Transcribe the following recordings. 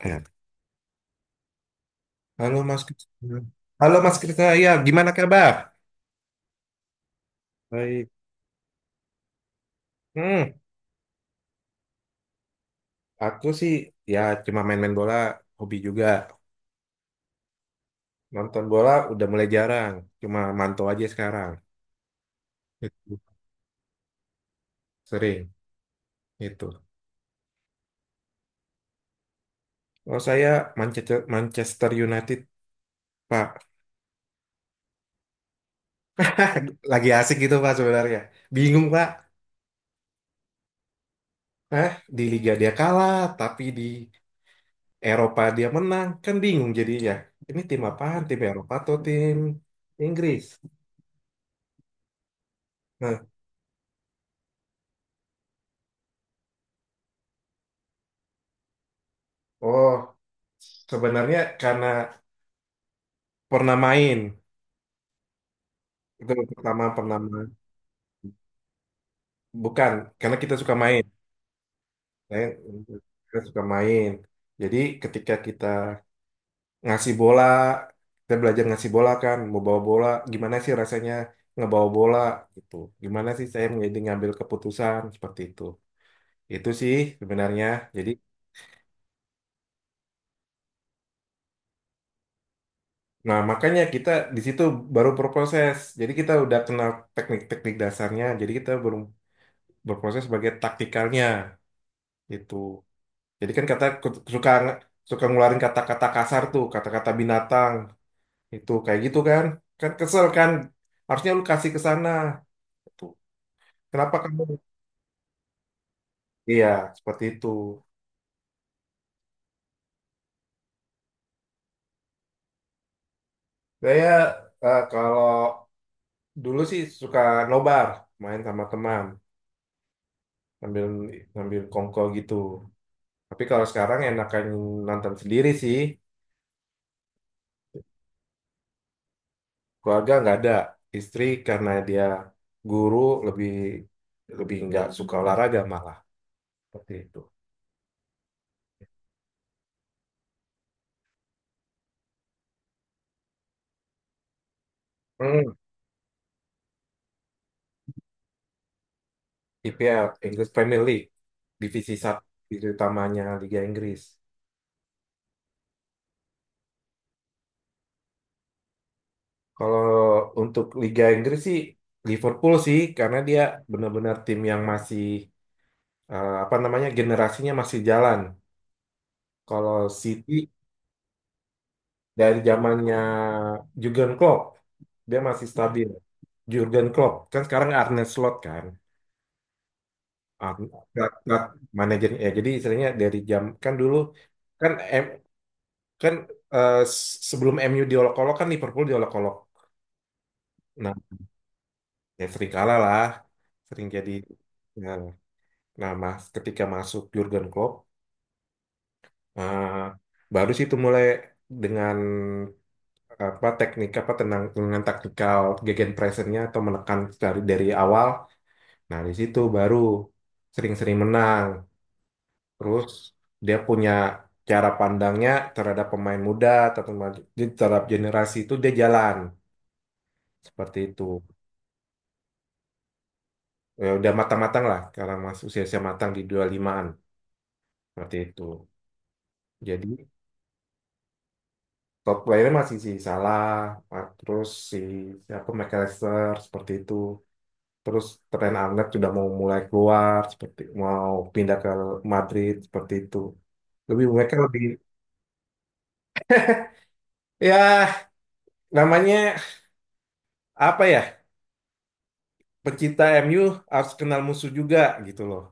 Ya. Halo Mas Krisna. Halo Mas Krisna, ya gimana kabar? Baik. Hmm, aku sih ya cuma main-main bola, hobi juga. Nonton bola udah mulai jarang, cuma mantau aja sekarang. Itu sering itu. Oh saya Manchester Manchester United, Pak. Lagi asik gitu Pak sebenarnya. Bingung Pak. Hah? Di Liga dia kalah, tapi di Eropa dia menang. Kan bingung jadinya. Ini tim apaan? Tim Eropa atau tim Inggris? Nah, oh. Sebenarnya karena pernah main itu pertama pernah main. Bukan karena kita suka main. Saya kita suka main. Jadi ketika kita ngasih bola, kita belajar ngasih bola kan, mau bawa bola, gimana sih rasanya ngebawa bola gitu. Gimana sih saya menjadi ngambil keputusan seperti itu. Itu sih sebenarnya. Jadi nah makanya kita di situ baru berproses. Jadi kita udah kenal teknik-teknik dasarnya. Jadi kita belum berproses sebagai taktikalnya itu. Jadi kan kata suka suka ngeluarin kata-kata kasar tuh, kata-kata binatang itu kayak gitu kan. Kan kesel kan. Harusnya lu kasih ke sana. Tuh. Kenapa kamu? Iya, seperti itu. Saya kalau dulu sih suka nobar, main sama teman, sambil ngambil kongko gitu. Tapi kalau sekarang enakan nonton sendiri sih. Keluarga nggak ada. Istri karena dia guru lebih lebih nggak suka olahraga malah seperti itu. Hmm. IPL, English Premier League, divisi satu itu utamanya Liga Inggris. Kalau untuk Liga Inggris sih Liverpool sih karena dia benar-benar tim yang masih apa namanya generasinya masih jalan. Kalau City dari zamannya Jurgen Klopp dia masih stabil. Jurgen Klopp kan sekarang Arne Slot kan. Ar- Ar- Ar- manajernya ya jadi istilahnya dari jam kan dulu kan M, kan eh, s- sebelum MU diolok-olok kan Liverpool diolok-olok. Nah, ya sering kalah lah, sering jadi. Ya. Nah, mas, ketika masuk Jurgen Klopp, eh, baru sih itu mulai dengan apa teknik apa tenang dengan taktikal gegenpressingnya atau menekan dari awal. Nah, di situ baru sering-sering menang. Terus dia punya cara pandangnya terhadap pemain muda atau pemain- jadi terhadap generasi itu dia jalan seperti itu. Ya, udah matang-matang lah, sekarang masuk usia-usia matang di 25-an seperti itu. Jadi top player masih si Salah, terus si siapa McAllister seperti itu. Terus Trent Alexander sudah mau mulai keluar seperti mau pindah ke Madrid seperti itu. Lebih mereka lebih ya namanya apa ya? Pecinta MU harus kenal musuh juga gitu loh.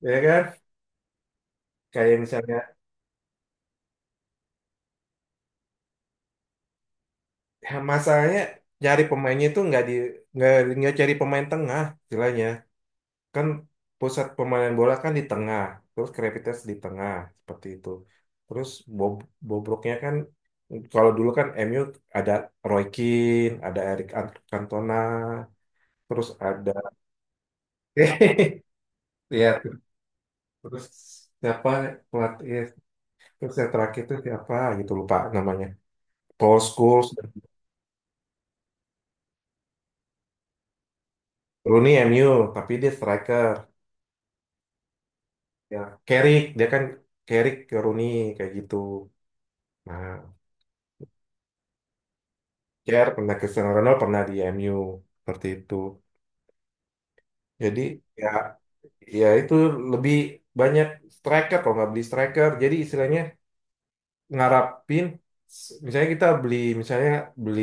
Ya kan? Kayak misalnya ya masalahnya cari pemainnya itu nggak di nggak nggak cari pemain tengah istilahnya. Kan pusat pemain bola kan di tengah, terus Krepitas di tengah seperti itu. Terus Bob, Bobroknya kan kalau dulu kan MU ada Roy Keane, ada Cantona, terus ada ya terus siapa pelatih ya, terus yang terakhir itu siapa gitu lupa namanya. Paul Scholes, Rooney MU tapi dia striker. Ya, Carrick dia kan Carrick ke Rooney kayak gitu. Nah, Cher pernah Cristiano Ronaldo pernah di MU seperti itu. Jadi ya ya itu lebih banyak striker kalau nggak beli striker. Jadi istilahnya ngarapin misalnya kita beli misalnya beli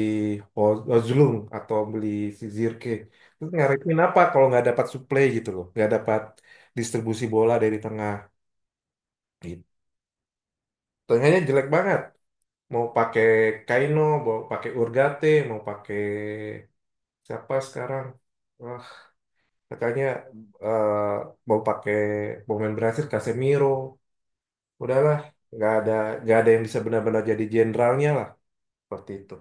Hojlund atau beli si Zirke terus ngarepin apa kalau nggak dapat suplai gitu loh nggak dapat distribusi bola dari tengah gitu. Tengahnya jelek banget mau pakai Kaino mau pakai Urgate mau pakai siapa sekarang. Wah. Makanya eh, mau pakai mau main Brasil Casemiro, udahlah nggak ada nggak ada yang bisa benar-benar jadi jenderalnya lah seperti itu.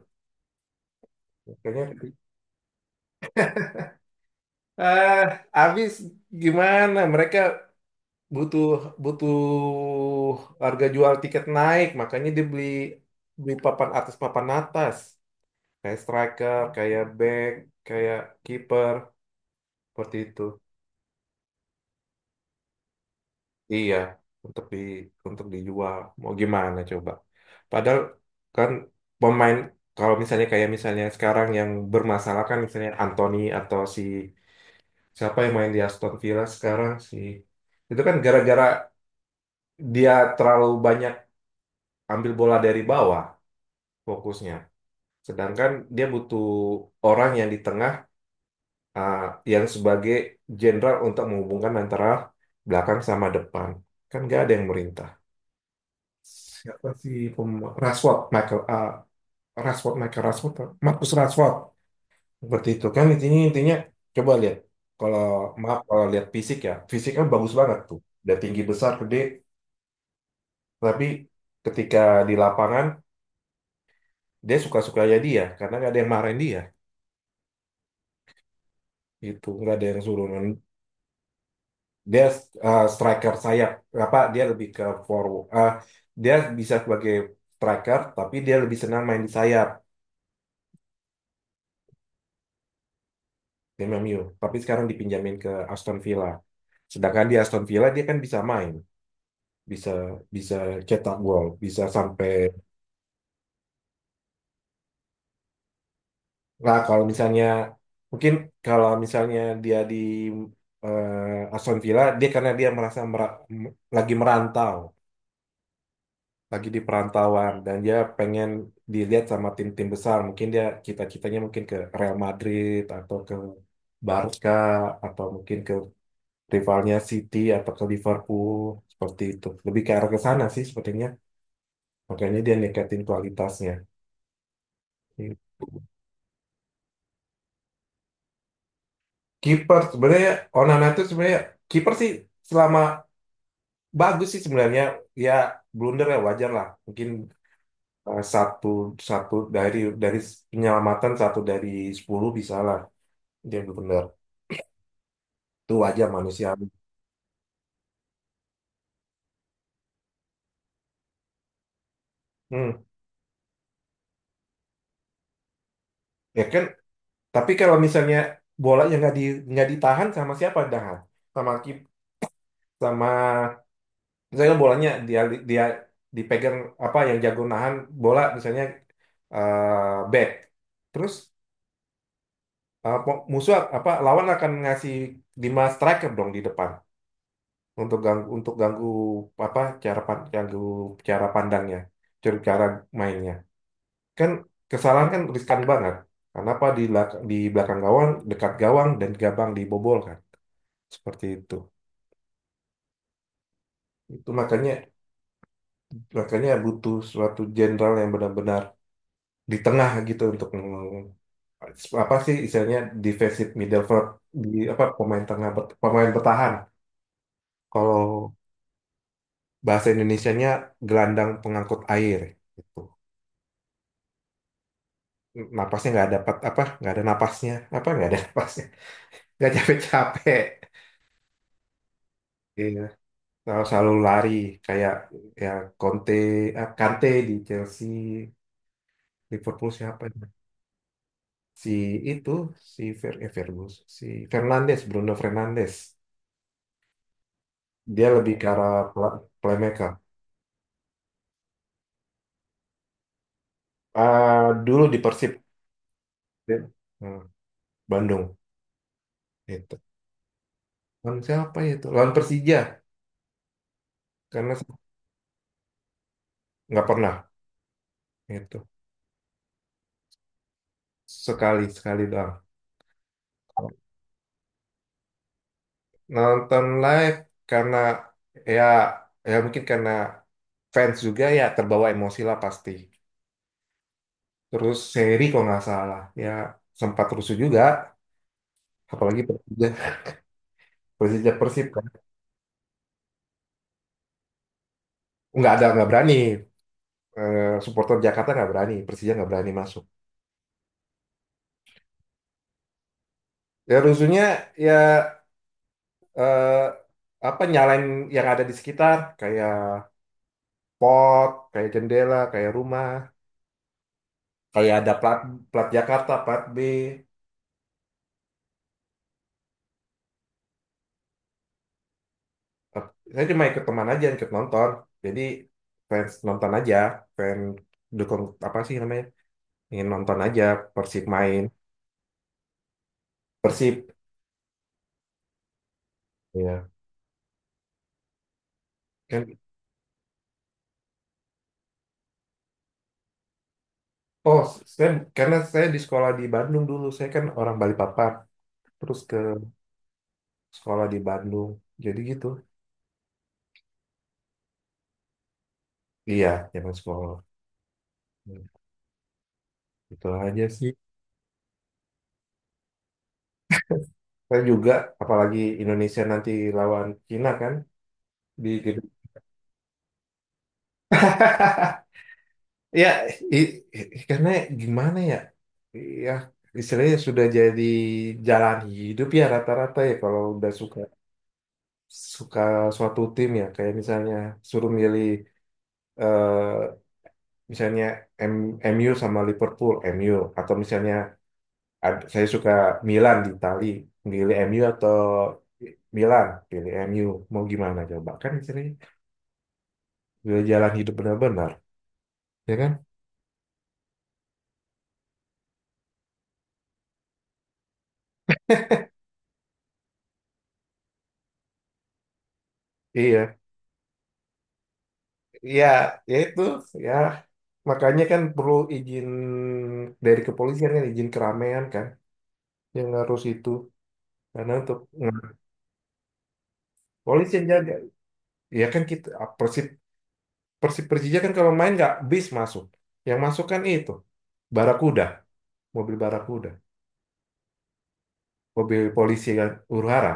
Makanya eh habis gimana mereka butuh butuh harga jual tiket naik, makanya dia beli beli papan atas kayak striker, kayak back, kayak kiper seperti itu. Iya, untuk di untuk dijual. Mau gimana coba? Padahal kan pemain kalau misalnya kayak misalnya sekarang yang bermasalah kan misalnya Anthony atau si siapa yang main di Aston Villa sekarang si itu kan gara-gara dia terlalu banyak ambil bola dari bawah fokusnya. Sedangkan dia butuh orang yang di tengah ah, yang sebagai jenderal untuk menghubungkan antara belakang sama depan. Kan nggak ada yang merintah. Berarti pem Rashford, Michael, ah, Rashford, Michael Rashford, Marcus Rashford. Seperti itu kan intinya intinya coba lihat. Kalau maaf kalau lihat fisik ya, fisiknya bagus banget tuh. Udah tinggi besar gede, tapi ketika di lapangan dia suka-suka ya dia karena nggak ada yang marahin dia itu nggak ada yang suruh dia striker sayap apa dia lebih ke forward dia bisa sebagai striker tapi dia lebih senang main di sayap tim MU. Tapi sekarang dipinjamin ke Aston Villa. Sedangkan di Aston Villa dia kan bisa main, bisa bisa cetak gol, bisa sampai. Nah kalau misalnya mungkin kalau misalnya dia di Aston Villa, dia karena dia merasa lagi merantau, lagi di perantauan dan dia pengen dilihat sama tim-tim besar. Mungkin dia cita-citanya mungkin ke Real Madrid atau ke Barca atau mungkin ke rivalnya City atau ke Liverpool seperti itu. Lebih ke arah ke sana sih sepertinya. Makanya dia ningkatin kualitasnya. Gitu. Kiper sebenarnya Onana itu sebenarnya kiper sih selama bagus sih sebenarnya ya blunder ya wajar lah. Mungkin satu satu dari penyelamatan satu dari 10 bisa lah dia blunder. Itu wajar manusiawi. Hmm. Ya kan tapi kalau misalnya bolanya nggak ditahan sama siapa dah sama kip sama misalnya bolanya dia dia dipegang apa yang jago nahan bola misalnya back terus musuh apa lawan akan ngasih 5 striker dong di depan untuk ganggu apa cara pandangnya cara cara mainnya kan kesalahan kan riskan banget karena apa di belakang gawang dekat gawang dan gabang dibobol kan seperti itu makanya makanya butuh suatu jenderal yang benar-benar di tengah gitu untuk apa sih istilahnya defensive midfield di apa pemain tengah pemain bertahan kalau bahasa Indonesianya gelandang pengangkut air gitu napasnya nggak dapat apa nggak ada napasnya apa nggak ada napasnya nggak capek-capek. Iya, selalu lari kayak ya Conte, Kante di Chelsea, Liverpool siapa? Ya? Si itu si Fer, eh, Fergus, si Fernandes, Bruno Fernandes. Dia lebih ke arah playmaker. Ah, dulu di Persib. Dia- hmm, Bandung, itu. Lawan siapa ya itu? Lawan Persija, karena se- nggak pernah, itu sekali sekali doang. Nonton live karena ya ya mungkin karena fans juga ya terbawa emosi lah pasti. Terus seri kalau nggak salah ya sempat rusuh juga, apalagi Persija Persija Persib kan. Nggak ada nggak berani supporter Jakarta nggak berani, Persija nggak berani masuk. Ya rusuhnya ya eh, apa nyalain yang ada di sekitar kayak pot, kayak jendela, kayak rumah, kayak ada plat plat Jakarta, plat B. Eh, saya cuma ikut teman aja, ikut nonton. Jadi fans nonton aja, fans dukung apa sih namanya? Ingin nonton aja Persib main. Persib. Iya. Kan oh, saya karena saya di sekolah di Bandung dulu, saya kan orang Balikpapan, terus ke sekolah di Bandung. Jadi gitu. Iya, zaman sekolah. Itu aja sih. Saya juga, apalagi Indonesia nanti lawan Cina kan di gitu. Ya, karena gimana ya? Ya, istilahnya sudah jadi jalan hidup ya rata-rata ya kalau udah suka suka suatu tim ya kayak misalnya suruh milih eh, misalnya MU sama Liverpool, MU atau misalnya saya suka Milan di Itali, milih MU atau Milan, pilih MU. Mau gimana coba? Kan sering udah jalan hidup benar-benar, ya kan? Iya, iya, ya itu, ya. Makanya kan perlu izin dari kepolisian kan, izin keramaian kan, yang harus itu. Karena untuk polisi yang jaga, ya kan kita Persib Persib Persija kan kalau main nggak bis masuk, yang masuk kan itu Barakuda, Barakuda, mobil polisi kan huru-hara.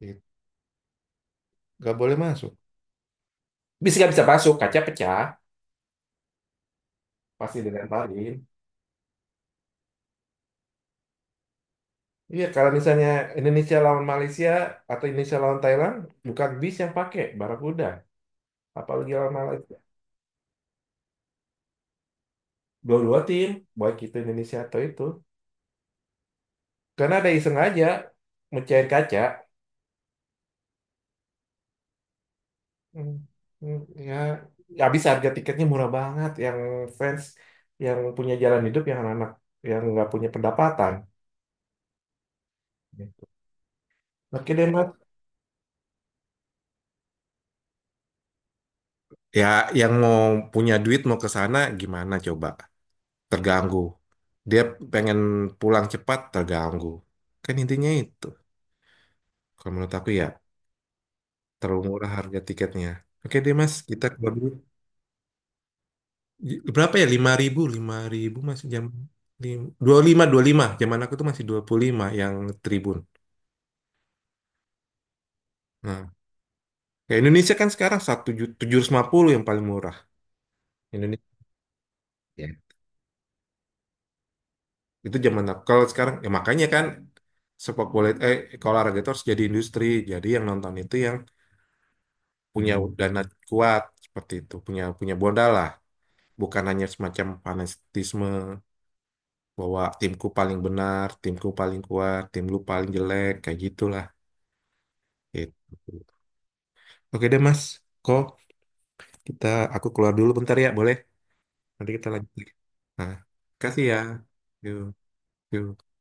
Gitu. Nggak boleh masuk. Bisa nggak bisa masuk, kaca pecah, pasti dilemparin. Iya, kalau misalnya Indonesia lawan Malaysia atau Indonesia lawan Thailand, bukan bis yang pakai Barakuda. Apalagi lawan Malaysia. Dua-dua tim, baik itu Indonesia atau itu. Karena ada iseng aja mecahin kaca. Hmm, hmm, ya, habis harga tiketnya murah banget. Yang fans, yang punya jalan hidup, yang anak-anak, yang nggak punya pendapatan. Gitu. Oke deh, Mas. Ya, yang mau punya duit mau ke sana gimana coba? Terganggu. Dia pengen pulang cepat, terganggu. Kan intinya itu. Kalau menurut aku ya, terlalu murah harga tiketnya. Oke deh mas, kita ke dulu. Berapa ya? 5.000, 5.000 masih jam dua puluh lima. Zaman aku tuh masih 25 yang tribun. Nah, ya Indonesia kan sekarang satu 750 yang paling murah. Indonesia. Ya. Itu zaman aku. Kalau sekarang, ya makanya kan sepak bola, kalau olahraga itu harus jadi industri. Jadi yang nonton itu yang punya dana kuat seperti itu punya punya modal lah bukan hanya semacam fanatisme bahwa timku paling benar timku paling kuat tim lu paling jelek kayak gitulah gitu. Oke deh mas kok kita aku keluar dulu bentar ya boleh nanti kita lanjut lagi. Nah, kasih ya yuk yuk.